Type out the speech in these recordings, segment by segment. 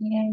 E aí,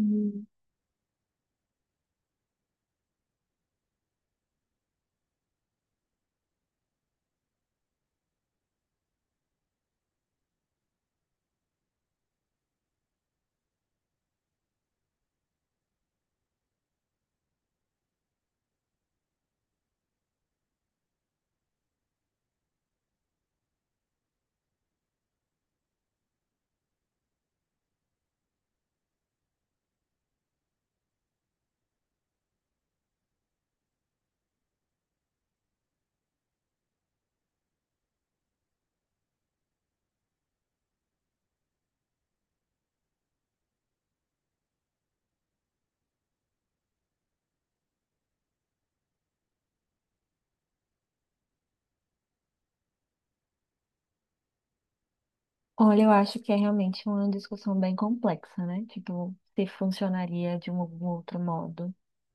olha, eu acho que é realmente uma discussão bem complexa, né? Tipo, se funcionaria de um outro modo,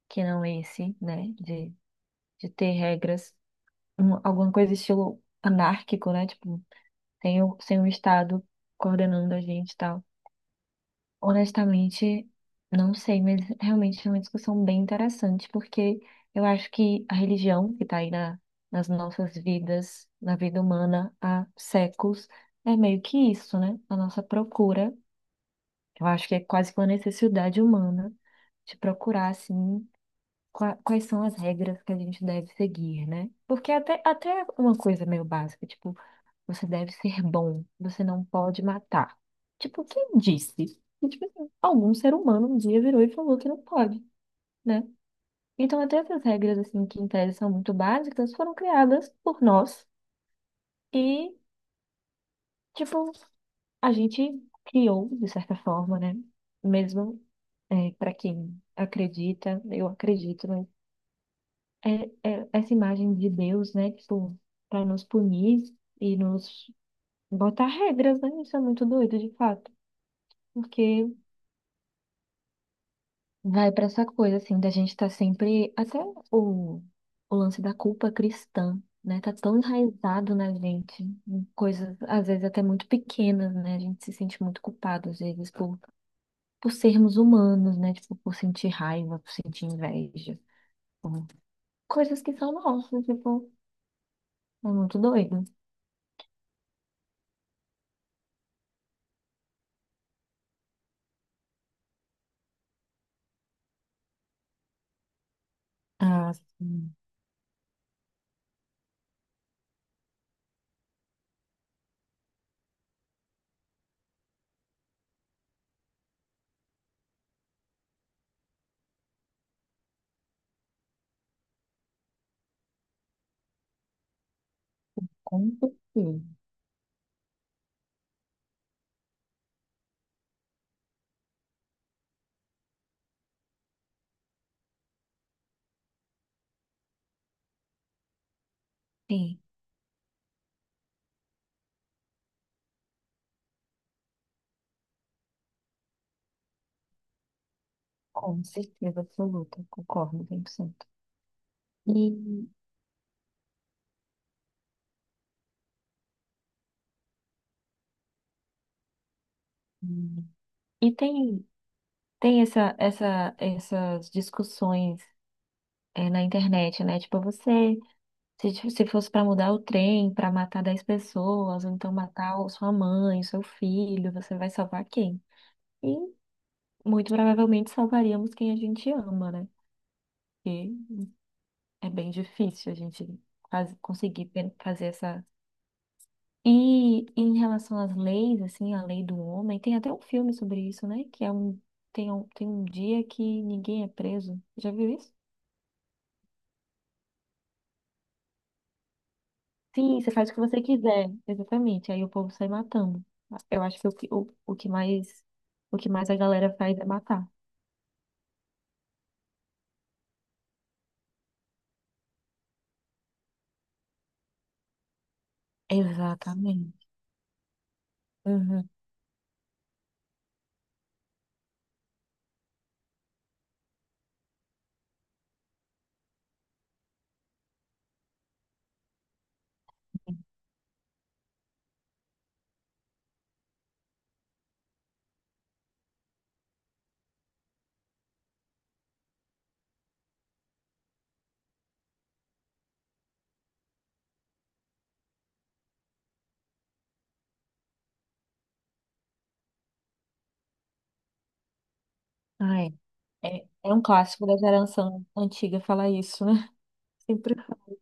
que não esse, né? De ter regras, alguma coisa estilo anárquico, né? Tipo, sem o Estado coordenando a gente e tal. Honestamente, não sei, mas realmente é uma discussão bem interessante, porque eu acho que a religião que está aí nas nossas vidas, na vida humana há séculos, é meio que isso, né? A nossa procura. Eu acho que é quase que uma necessidade humana de procurar, assim, quais são as regras que a gente deve seguir, né? Porque até é uma coisa meio básica, tipo, você deve ser bom, você não pode matar. Tipo, quem disse? E, tipo assim, algum ser humano um dia virou e falou que não pode, né? Então, até essas regras, assim, que em tese são muito básicas, foram criadas por nós e, tipo, a gente criou, de certa forma, né? Mesmo é, para quem acredita, eu acredito, mas é, é essa imagem de Deus, né? Tipo, para nos punir e nos botar regras, né? Isso é muito doido, de fato, porque vai pra essa coisa, assim, da gente estar sempre. Até o, o lance da culpa cristã, né? Tá tão enraizado na gente, em coisas, às vezes, até muito pequenas, né? A gente se sente muito culpado, às vezes, por sermos humanos, né? Tipo, por sentir raiva, por sentir inveja, por coisas que são nossas, tipo, é muito doido. Ah, sim, com certeza. Sim, com certeza absoluta, concordo 100%. E, e tem. Tem essas discussões é, na internet, né? Tipo, você, se fosse para mudar o trem, para matar 10 pessoas, ou então matar sua mãe, seu filho, você vai salvar quem? E muito provavelmente salvaríamos quem a gente ama, né? Porque é bem difícil a gente conseguir fazer essa. E em relação às leis, assim, a lei do homem, tem até um filme sobre isso, né? Que é um, tem um dia que ninguém é preso. Já viu isso? Sim, você faz o que você quiser, exatamente. Aí o povo sai matando. Eu acho que o que mais a galera faz é matar. Exatamente. Uhum. Ah, é. É, é um clássico da geração antiga falar isso, né? Sempre. Fala.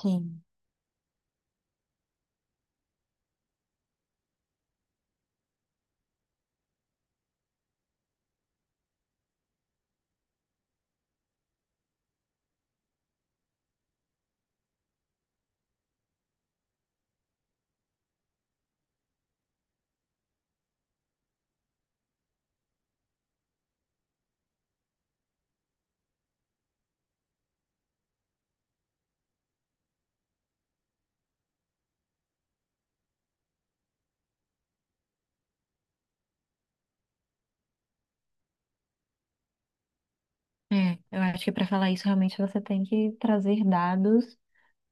Sim. É, eu acho que para falar isso realmente você tem que trazer dados,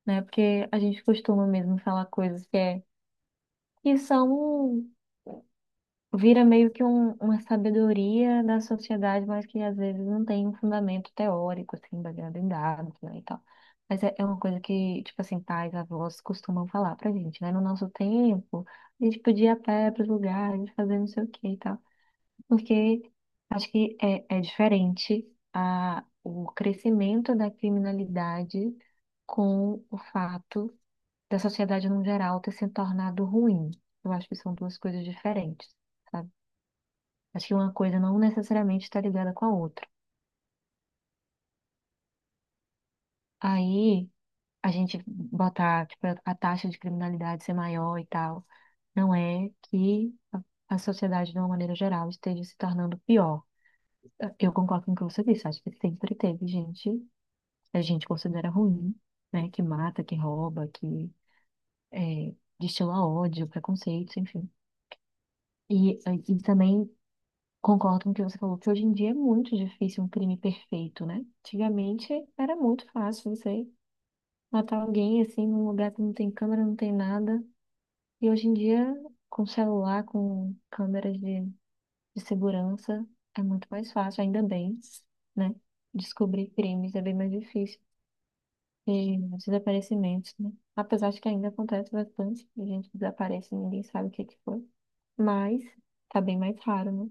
né? Porque a gente costuma mesmo falar coisas que, é, que são. Vira meio que uma sabedoria da sociedade, mas que às vezes não tem um fundamento teórico, assim, baseado em dados, né, e tal. Mas é, é uma coisa que, tipo assim, pais, avós costumam falar pra gente, né? No nosso tempo, a gente podia ir a pé pros lugares, fazer não sei o que e tal. Porque acho que é, é diferente a, o crescimento da criminalidade com o fato da sociedade no geral ter se tornado ruim. Eu acho que são duas coisas diferentes. Sabe? Acho que uma coisa não necessariamente está ligada com a outra. Aí, a gente botar, tipo, a taxa de criminalidade ser maior e tal, não é que a sociedade, de uma maneira geral, esteja se tornando pior. Eu concordo com o que você disse. Acho que sempre teve gente, a gente considera ruim, né? Que mata, que rouba, que é, destila ódio, preconceitos, enfim. E, e também concordo com o que você falou, que hoje em dia é muito difícil um crime perfeito, né? Antigamente era muito fácil você matar alguém assim num lugar que não tem câmera, não tem nada. E hoje em dia, com celular, com câmeras de segurança, é muito mais fácil, ainda bem, né? Descobrir crimes é bem mais difícil. E desaparecimentos, né? Apesar de que ainda acontece bastante, a gente desaparece e ninguém sabe o que que foi. Mas tá bem mais raro, né?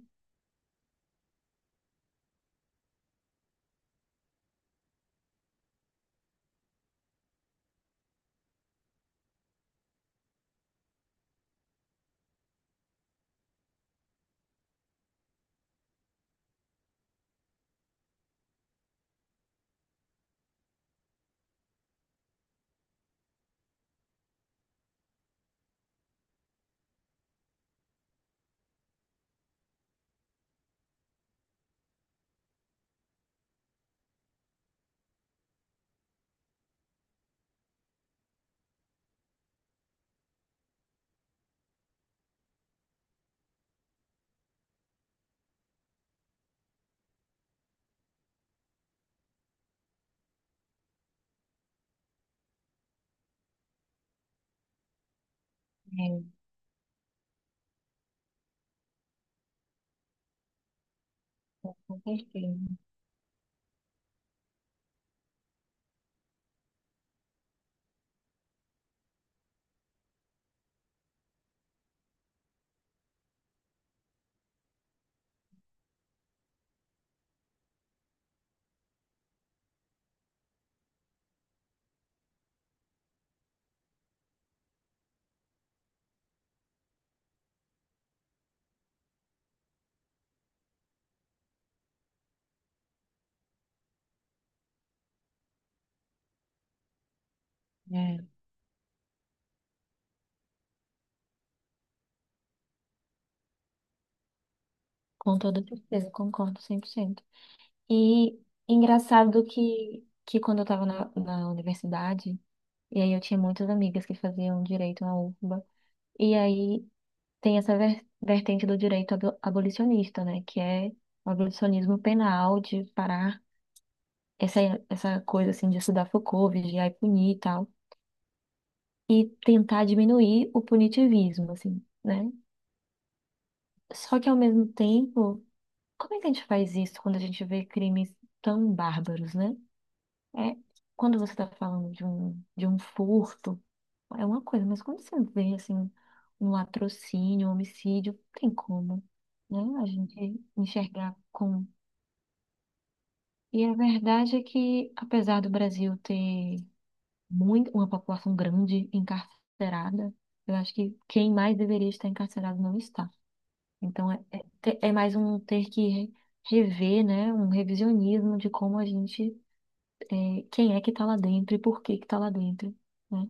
É, com certeza. É. Com toda certeza, concordo cem por cento. E engraçado que quando eu estava na universidade, e aí eu tinha muitas amigas que faziam direito na UFBA. E aí tem essa vertente do direito abolicionista, né? Que é o abolicionismo penal, de parar essa, essa coisa, assim, de estudar Foucault, vigiar e punir e tal. E tentar diminuir o punitivismo, assim, né? Só que ao mesmo tempo, como é que a gente faz isso quando a gente vê crimes tão bárbaros, né? É, quando você está falando de um furto é uma coisa, mas quando você vê assim um latrocínio, um homicídio, não tem como, né? A gente enxergar com. E a verdade é que, apesar do Brasil ter muito, uma população grande encarcerada, eu acho que quem mais deveria estar encarcerado não está. Então é mais um ter que rever, né? Um revisionismo de como a gente, é, quem é que está lá dentro e por que que está lá dentro, né?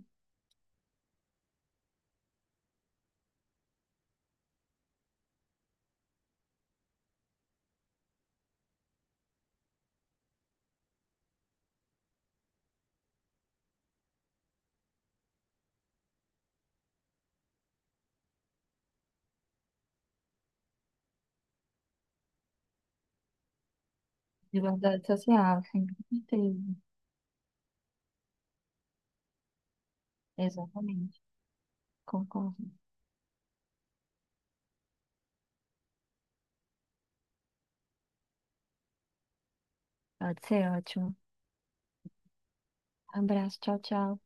Diversidade social, sim, com certeza. Exatamente. Concordo. Pode ser ótimo. Abraço, tchau, tchau.